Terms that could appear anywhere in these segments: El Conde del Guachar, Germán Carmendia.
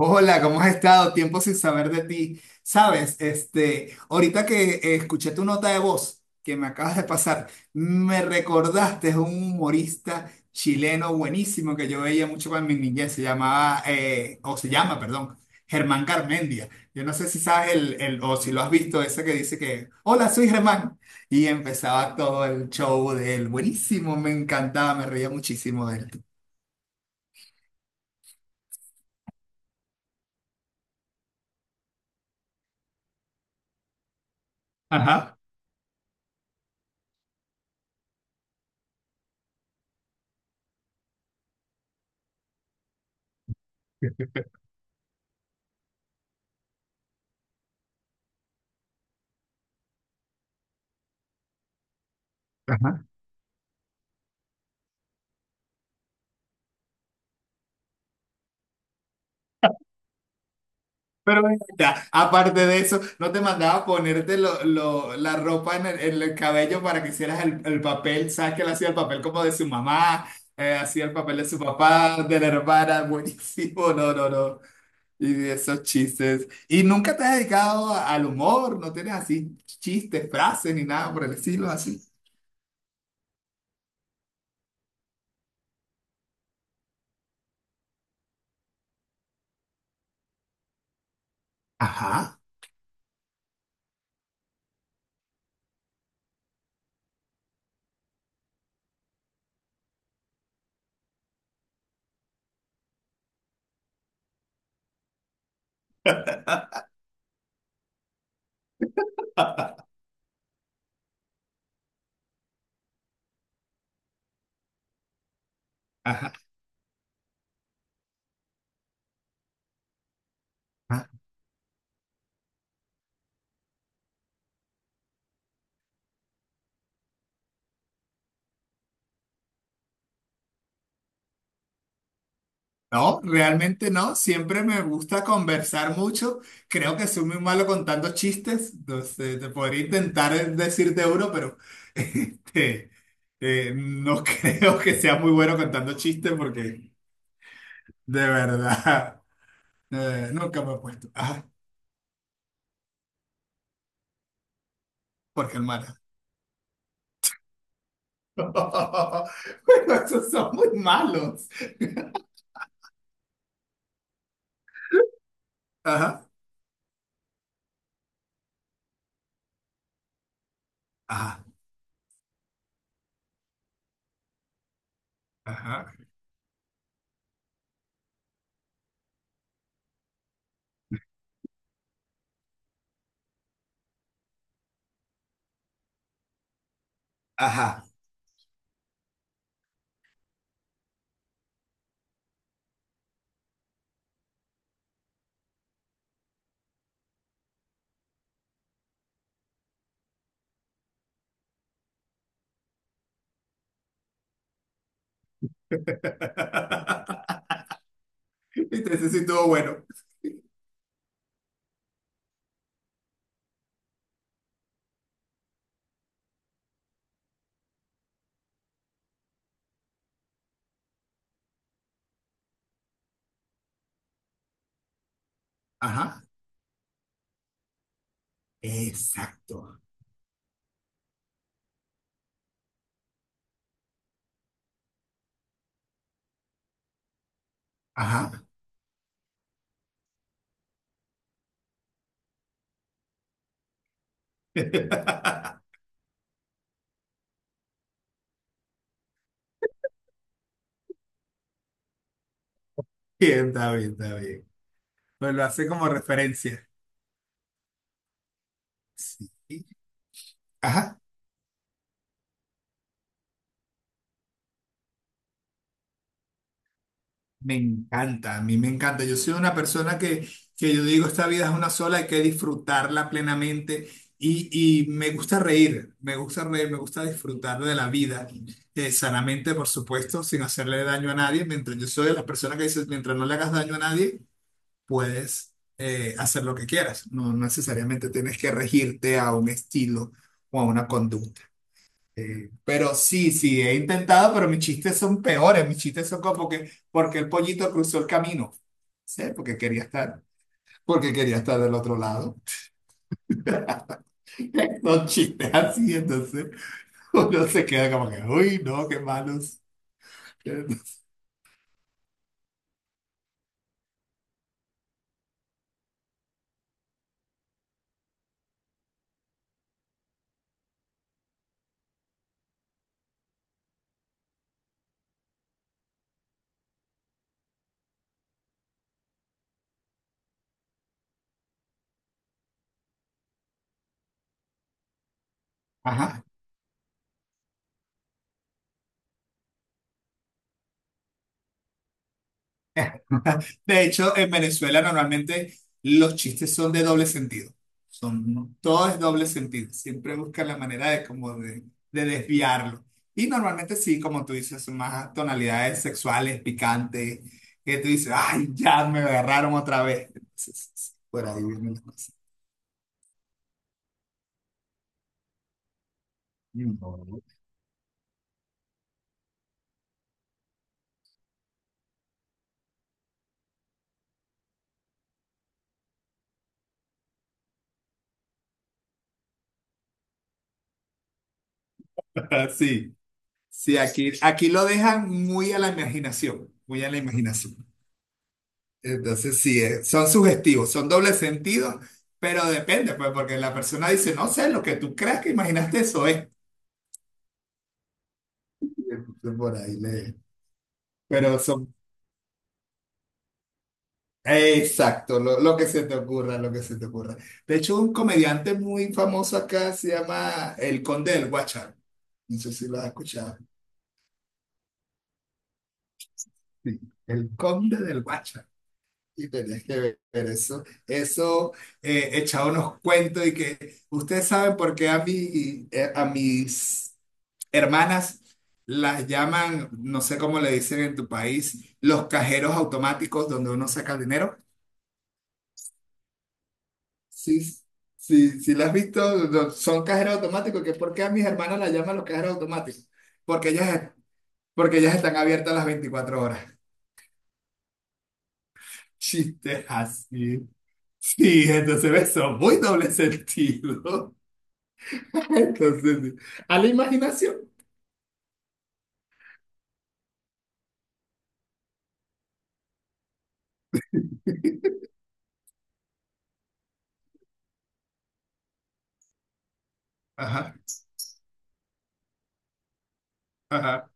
Hola, ¿cómo has estado? Tiempo sin saber de ti. Sabes, este, ahorita que escuché tu nota de voz que me acabas de pasar, me recordaste a un humorista chileno buenísimo que yo veía mucho cuando en mi niñez. Se llamaba, o se llama, perdón, Germán Carmendia. Yo no sé si sabes o si lo has visto, ese que dice que, hola, soy Germán. Y empezaba todo el show de él. Buenísimo, me encantaba, me reía muchísimo de él. Ajá. Pero ven acá, aparte de eso, ¿no te mandaba ponerte la ropa en el cabello para que hicieras el papel? ¿Sabes que él hacía el papel como de su mamá? Hacía el papel de su papá, de la hermana, buenísimo, no, no, no. Y de esos chistes. ¿Y nunca te has dedicado a- al humor? ¿No tienes así chistes, frases ni nada por el estilo así? Ajá, ajá. No, realmente no. Siempre me gusta conversar mucho. Creo que soy muy malo contando chistes. Entonces, te podría intentar decirte uno, pero este, no creo que sea muy bueno contando chistes porque de verdad nunca me he puesto. Ah, porque hermana. Bueno, esos son muy malos. Ajá, ajá, ajá, ajá. Entonces sí estuvo bueno. Ajá, exacto. Ajá. Bien, está bien, está bien. Pues lo hace como referencia. Sí. Ajá, me encanta, a mí me encanta. Yo soy una persona que yo digo, esta vida es una sola, hay que disfrutarla plenamente y, y me gusta reír, me gusta reír, me gusta disfrutar de la vida, sanamente, por supuesto, sin hacerle daño a nadie, mientras yo soy de las personas que dice, mientras no le hagas daño a nadie. Puedes hacer lo que quieras. No no necesariamente tienes que regirte a un estilo o a una conducta. Pero sí, sí, he intentado, pero mis chistes son peores. Mis chistes son como que, porque el pollito cruzó el camino. ¿Sí? Porque quería porque quería estar del otro lado. Son chistes así, entonces uno se queda como que, uy, no, qué malos. Ajá. De hecho, en Venezuela normalmente los chistes son de doble sentido. Son, todo es doble sentido. Siempre buscan la manera de de, desviarlo. Y normalmente sí, como tú dices, son más tonalidades sexuales, picantes, que tú dices, ay, ya me agarraron otra vez. Entonces, sí, por ahí vienen las cosas. No. Sí, sí, aquí, aquí lo dejan muy a la imaginación, muy a la imaginación. Entonces, sí, son sugestivos, son doble sentido, pero depende, pues, porque la persona dice, no sé, lo que tú creas que imaginaste eso es. Y entonces por ahí le... Pero son... Exacto, lo que se te ocurra, lo que se te ocurra. De hecho, un comediante muy famoso acá se llama El Conde del Guachar. No sé si lo has escuchado. Sí, El Conde del Guachar. Y tenés que ver eso. Eso echaba unos cuentos y que ustedes saben por qué a mí, a mis hermanas las llaman, no sé cómo le dicen en tu país, los cajeros automáticos donde uno saca el dinero. Sí, sí, sí, las has visto. No, son cajeros automáticos, que por qué a mis hermanas las llaman los cajeros automáticos. Porque porque ellas están abiertas las 24 horas. Chistes así. Sí, entonces eso, muy doble sentido. Entonces, sí. A la imaginación. Ajá, ajá.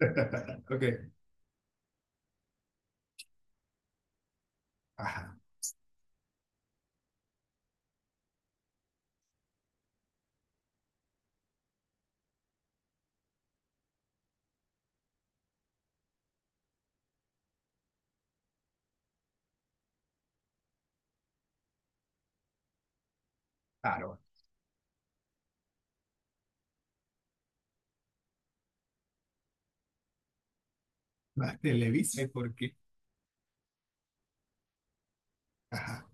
Ok, ajá, claro. La televisa, ¿y por qué? Ajá.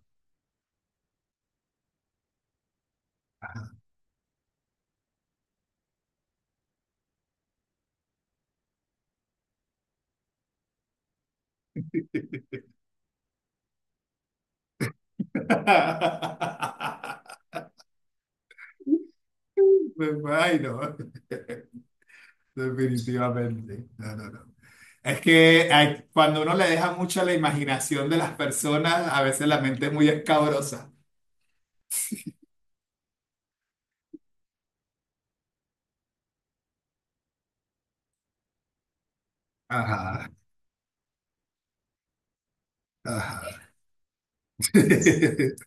Me imagino. Definitivamente. No, no, no. Es que hay- cuando uno le deja mucho a la imaginación de las personas, a veces la mente es muy escabrosa. Ajá, ajá.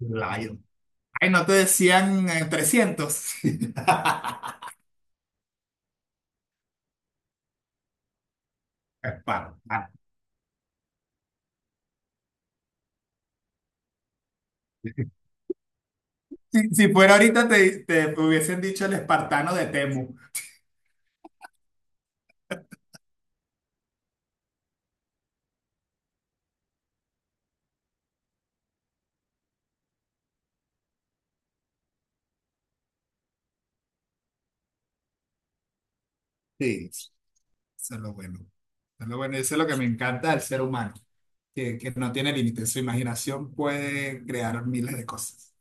Lion. Ay, no te decían 300. Esparo. Si, si fuera ahorita te, te hubiesen dicho el espartano de Temu. Sí. Eso es lo bueno. Eso es lo bueno. Y eso es lo que me encanta del ser humano, que no tiene límites. Su imaginación puede crear miles de cosas.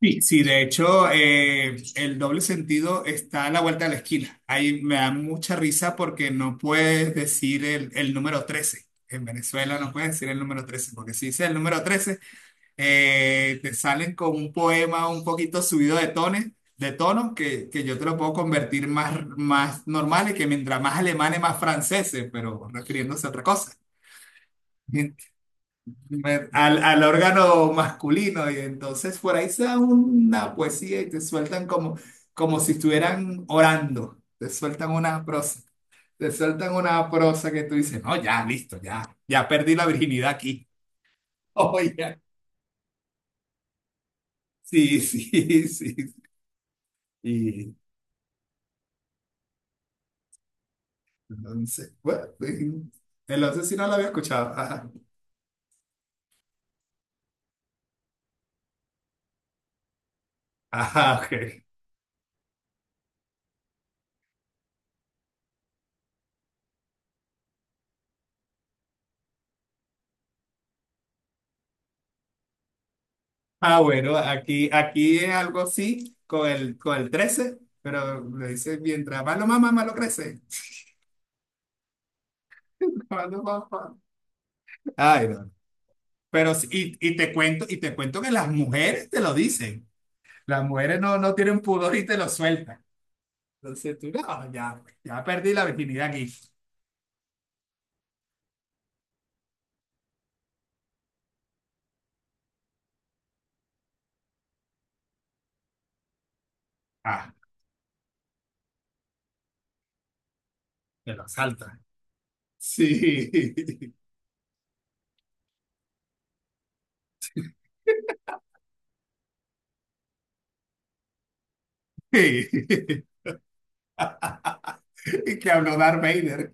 Sí, sí, de hecho, el doble sentido está a la vuelta de la esquina. Ahí me da mucha risa porque no puedes decir el número 13. En Venezuela no puedes decir el número 13 porque si dices el número 13 te salen con un poema un poquito subido de tones, de tono, que yo te lo puedo convertir más, más normal y que mientras más alemanes, más franceses, pero refiriéndose a otra cosa. Me- al órgano masculino y entonces por ahí se da una poesía y te sueltan como, como si estuvieran orando, te sueltan una prosa, te sueltan una prosa que tú dices, no, ya, listo, ya, ya perdí la virginidad aquí. Oye, sí, sí, sí. Sí. Entonces bueno, el 11 sí no lo había escuchado. Ajá. Ajá, ok. Ah, bueno, aquí, aquí es algo así con el 13 pero le dice, mientras más lo mama, más lo crece. Más lo mama. Ay, no. Pero sí, y te cuento que las mujeres te lo dicen. Las mujeres no, no tienen pudor y te lo sueltan. Entonces tú, no, ya, ya perdí la virginidad aquí. Ah, te lo salta. Sí. Sí. Y que habló Darth Vader.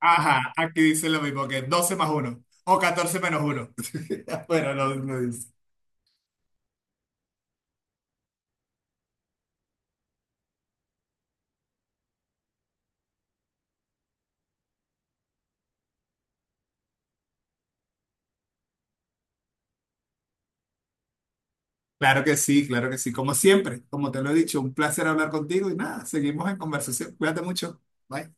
Ajá, aquí dice lo mismo que 12 más 1 o 14 menos 1. Bueno, lo dice. Claro que sí, claro que sí. Como siempre, como te lo he dicho, un placer hablar contigo y nada, seguimos en conversación. Cuídate mucho. Bye.